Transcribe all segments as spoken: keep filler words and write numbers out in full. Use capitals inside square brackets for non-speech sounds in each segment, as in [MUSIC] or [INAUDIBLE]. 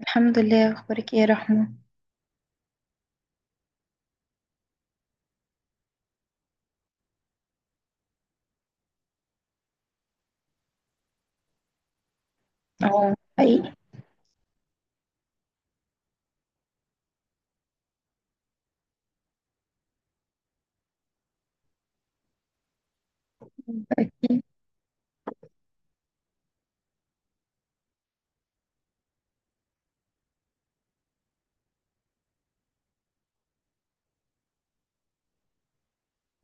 الحمد لله، اخبارك ايه يا رحمه؟ اه، حقيقي.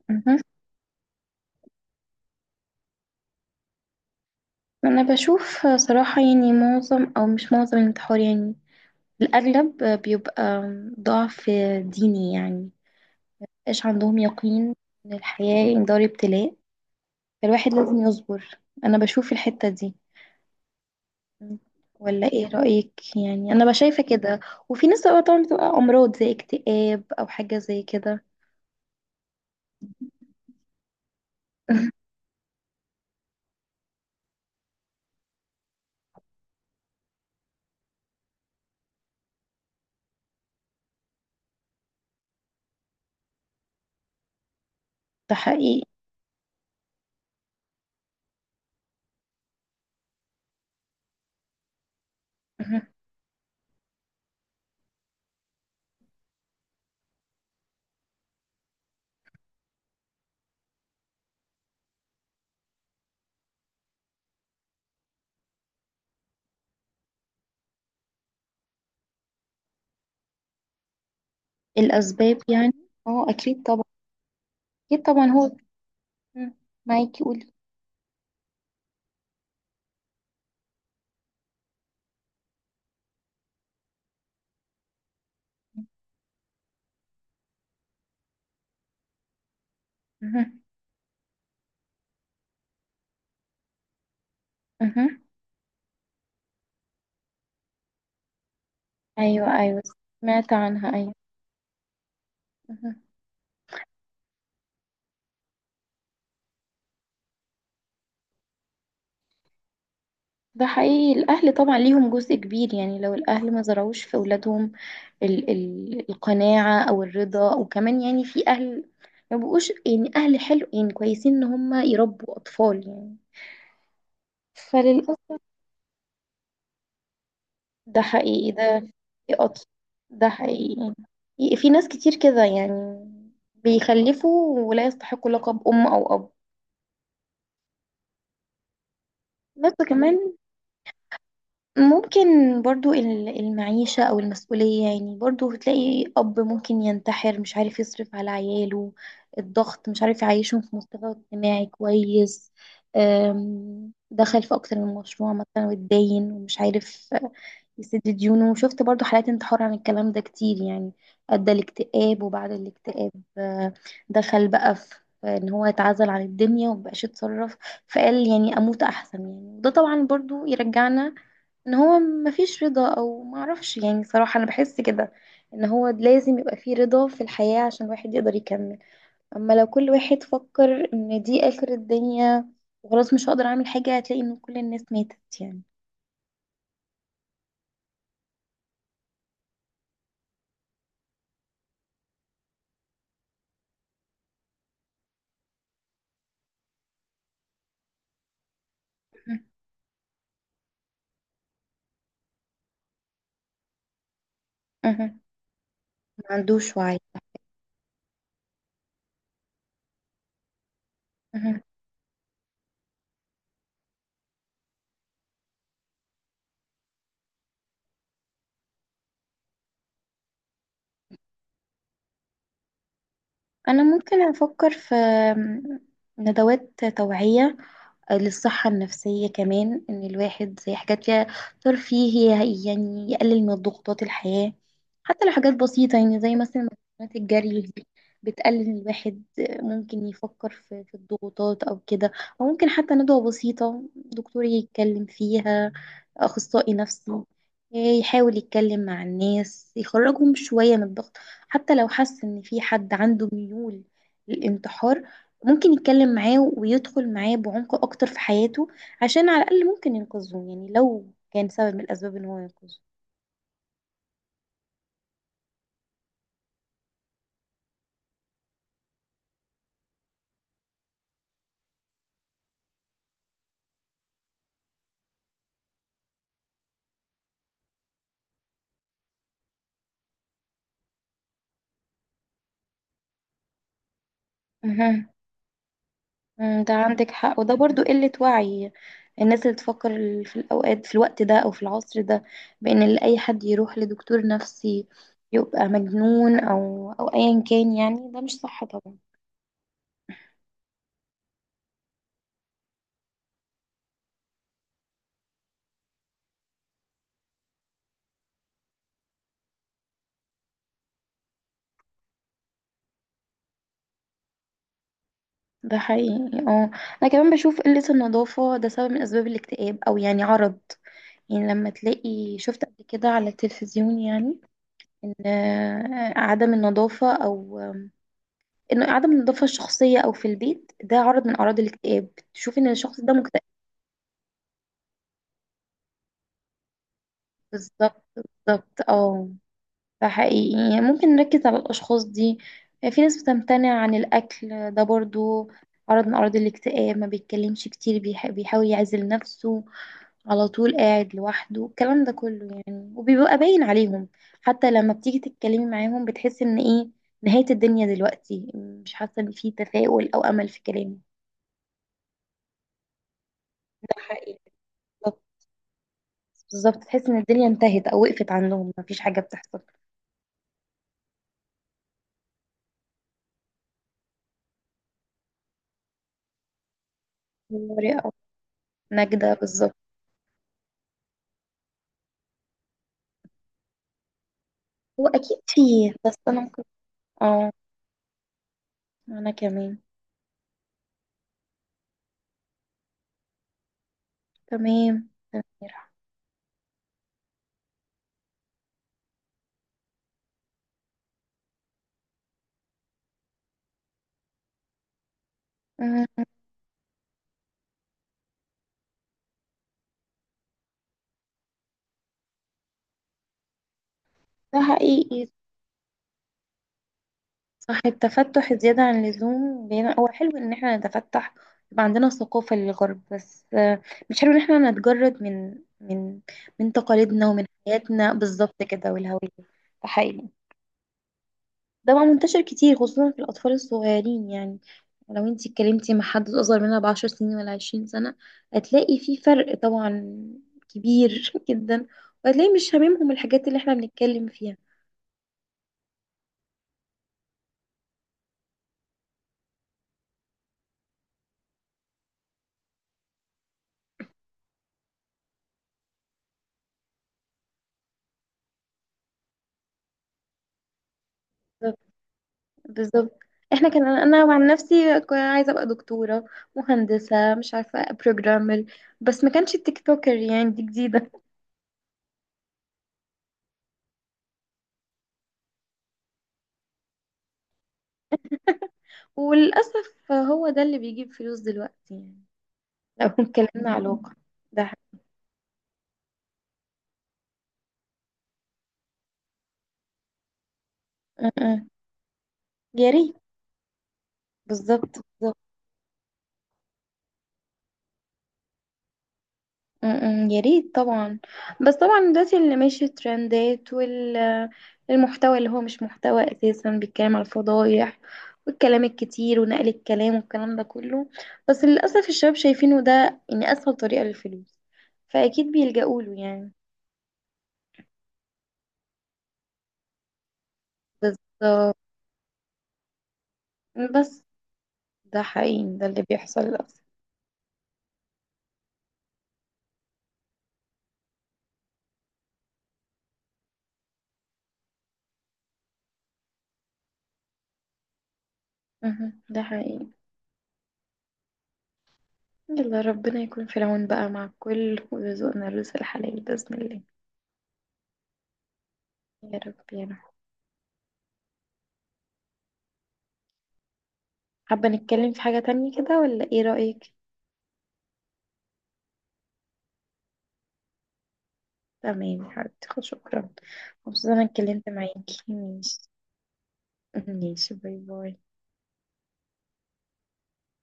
مهم. انا بشوف صراحه، يعني معظم او مش معظم الانتحار، يعني الاغلب بيبقى ضعف ديني. يعني مبقاش عندهم يقين ان الحياه يعني دار ابتلاء، فالواحد لازم يصبر. انا بشوف الحته دي. ولا ايه رايك؟ يعني انا بشايفه كده. وفي ناس بقى طبعا بتبقى امراض زي اكتئاب او حاجه زي كده. [LAUGHS] ده حقيقي. مهم. الأسباب يعني. اه، أكيد طبعا. أكيد طبعا، هو. مم. معاكي، قولي. مه. مه. ايوه، ايوه. سمعت عنها، ايوه. مه. ده حقيقي. الأهل طبعا ليهم جزء كبير، يعني لو الأهل ما زرعوش في أولادهم ال ال القناعة أو الرضا، وكمان يعني في أهل ما بقوش يعني أهل حلو يعني كويسين إن هم يربوا أطفال، يعني فللأسف. ده حقيقي ده. في أطفال. ده حقيقي. في ناس كتير كده، يعني بيخلفوا ولا يستحقوا لقب أم أو أب. بس كمان ممكن برضو ال- المعيشة أو المسؤولية، يعني برضو بتلاقي أب ممكن ينتحر مش عارف يصرف على عياله. الضغط، مش عارف يعيشهم في مستوى اجتماعي كويس. أم، دخل في أكتر من مشروع مثلا، واتداين ومش عارف آه، يسد ديونه. شفت برضو حالات انتحار عن الكلام ده كتير، يعني أدى الاكتئاب وبعد الاكتئاب آه، دخل بقى في ان هو اتعزل عن الدنيا ومبقاش يتصرف. فقال يعني اموت احسن، يعني وده طبعا برضو يرجعنا ان هو مفيش رضا. او معرفش يعني صراحة، انا بحس كده ان هو لازم يبقى فيه رضا في الحياة عشان الواحد يقدر يكمل. اما لو كل واحد فكر ان دي اخر الدنيا وخلاص مش هقدر اعمل حاجة، هتلاقي ان كل الناس ماتت يعني. مه. مه. ما عندوش وعي. مه. انا ممكن افكر في ندوات توعية للصحة النفسية، كمان إن الواحد زي حاجات فيها ترفيه، يعني يقلل من ضغوطات الحياة. حتى لو حاجات بسيطة، يعني زي مثلا مكملات الجري دي بتقلل الواحد ممكن يفكر في في الضغوطات أو كده. أو ممكن حتى ندوة بسيطة دكتور يتكلم فيها، أخصائي نفسي يحاول يتكلم مع الناس يخرجهم شوية من الضغط. حتى لو حس إن في حد عنده ميول للانتحار، ممكن يتكلم معاه ويدخل معاه بعمق اكتر في حياته، عشان على الاقل ممكن ينقذه، يعني لو كان سبب من الاسباب ان هو ينقذه. مهم. مم، ده عندك حق وده برضو قلة وعي. الناس اللي تفكر ال- في الأوقات، في الوقت ده أو في العصر ده، بأن اللي أي حد يروح لدكتور نفسي يبقى مجنون أو أو أيا كان، يعني ده مش صح طبعا. ده حقيقي. اه، انا كمان بشوف قلة النظافة ده سبب من اسباب الاكتئاب او يعني عرض. يعني لما تلاقي شفت قبل كده على التلفزيون، يعني ان آه، عدم النظافة او آم، ان عدم النظافة الشخصية او في البيت ده عرض من اعراض الاكتئاب، تشوف ان الشخص ده مكتئب. بالظبط، بالظبط، اه. فحقيقي يعني ممكن نركز على الأشخاص دي. آه، في ناس بتمتنع عن الأكل، ده برضو عرض من أعراض الاكتئاب. ما بيتكلمش كتير، بيح- بيحاول يعزل نفسه، على طول قاعد لوحده، الكلام ده كله يعني وبيبقى باين عليهم. حتى لما بتيجي تتكلمي معاهم بتحس إن إيه؟ نهاية الدنيا دلوقتي، مش حاسة إن في تفاؤل أو أمل في كلامه. ده حقيقي. بالظبط، بالظبط تحس إن الدنيا انتهت أو وقفت عندهم، مفيش حاجة بتحصل. طريقة أو نجدة، بالظبط. هو أكيد فيه، بس أنا ممكن. اه، انا كمان. تمام سميرة. أمم، ده حقيقي. صح، التفتح زيادة عن اللزوم بينا. هو حلو ان احنا نتفتح، يبقى عندنا ثقافة للغرب، بس آه، مش حلو ان احنا نتجرد من من من تقاليدنا ومن حياتنا، بالظبط كده، والهوية. ده حقيقي. ده بقى منتشر كتير، خصوصا في الأطفال الصغيرين يعني. لو انتي اتكلمتي مع حد أصغر منها بعشر سنين ولا عشرين سنة، هتلاقي في فرق طبعا كبير [LAUGHS] جدا. وهتلاقي مش هاممهم الحاجات اللي احنا بنتكلم فيها. بالظبط، بالظبط. احنا كان، انا عن نفسي كنت عايزه ابقى دكتوره، مهندسه، مش عارفه بروجرامر، بس ما كانش التيك توكر، يعني دي جديده. [LAUGHS] وللاسف هو ده اللي بيجيب فلوس دلوقتي، يعني لو اتكلمنا على الواقع. ده حقيقي. أه، أه. يا ريت. بالظبط، بالظبط. م-م، يا ريت طبعا. بس طبعا دلوقتي اللي ماشي الترندات والمحتوى، اللي هو مش محتوى اساسا، بيتكلم على الفضايح والكلام الكتير ونقل الكلام والكلام ده كله. بس للاسف الشباب شايفينه ده ان اسهل طريقة للفلوس، فاكيد بيلجأوا له يعني. بس، بس ده حقيقي ده اللي بيحصل للاسف. مهم. ده حقيقي. يلا ربنا يكون في العون بقى مع الكل، ويرزقنا الرزق الحلال بإذن الله. يا رب، يا رب. حابة نتكلم في حاجة تانية كده ولا ايه رأيك؟ تمام يا حبيبتي، خلاص، شكرا. مبسوطة إن أنا اتكلمت معاكي، ماشي. ماشي، باي باي.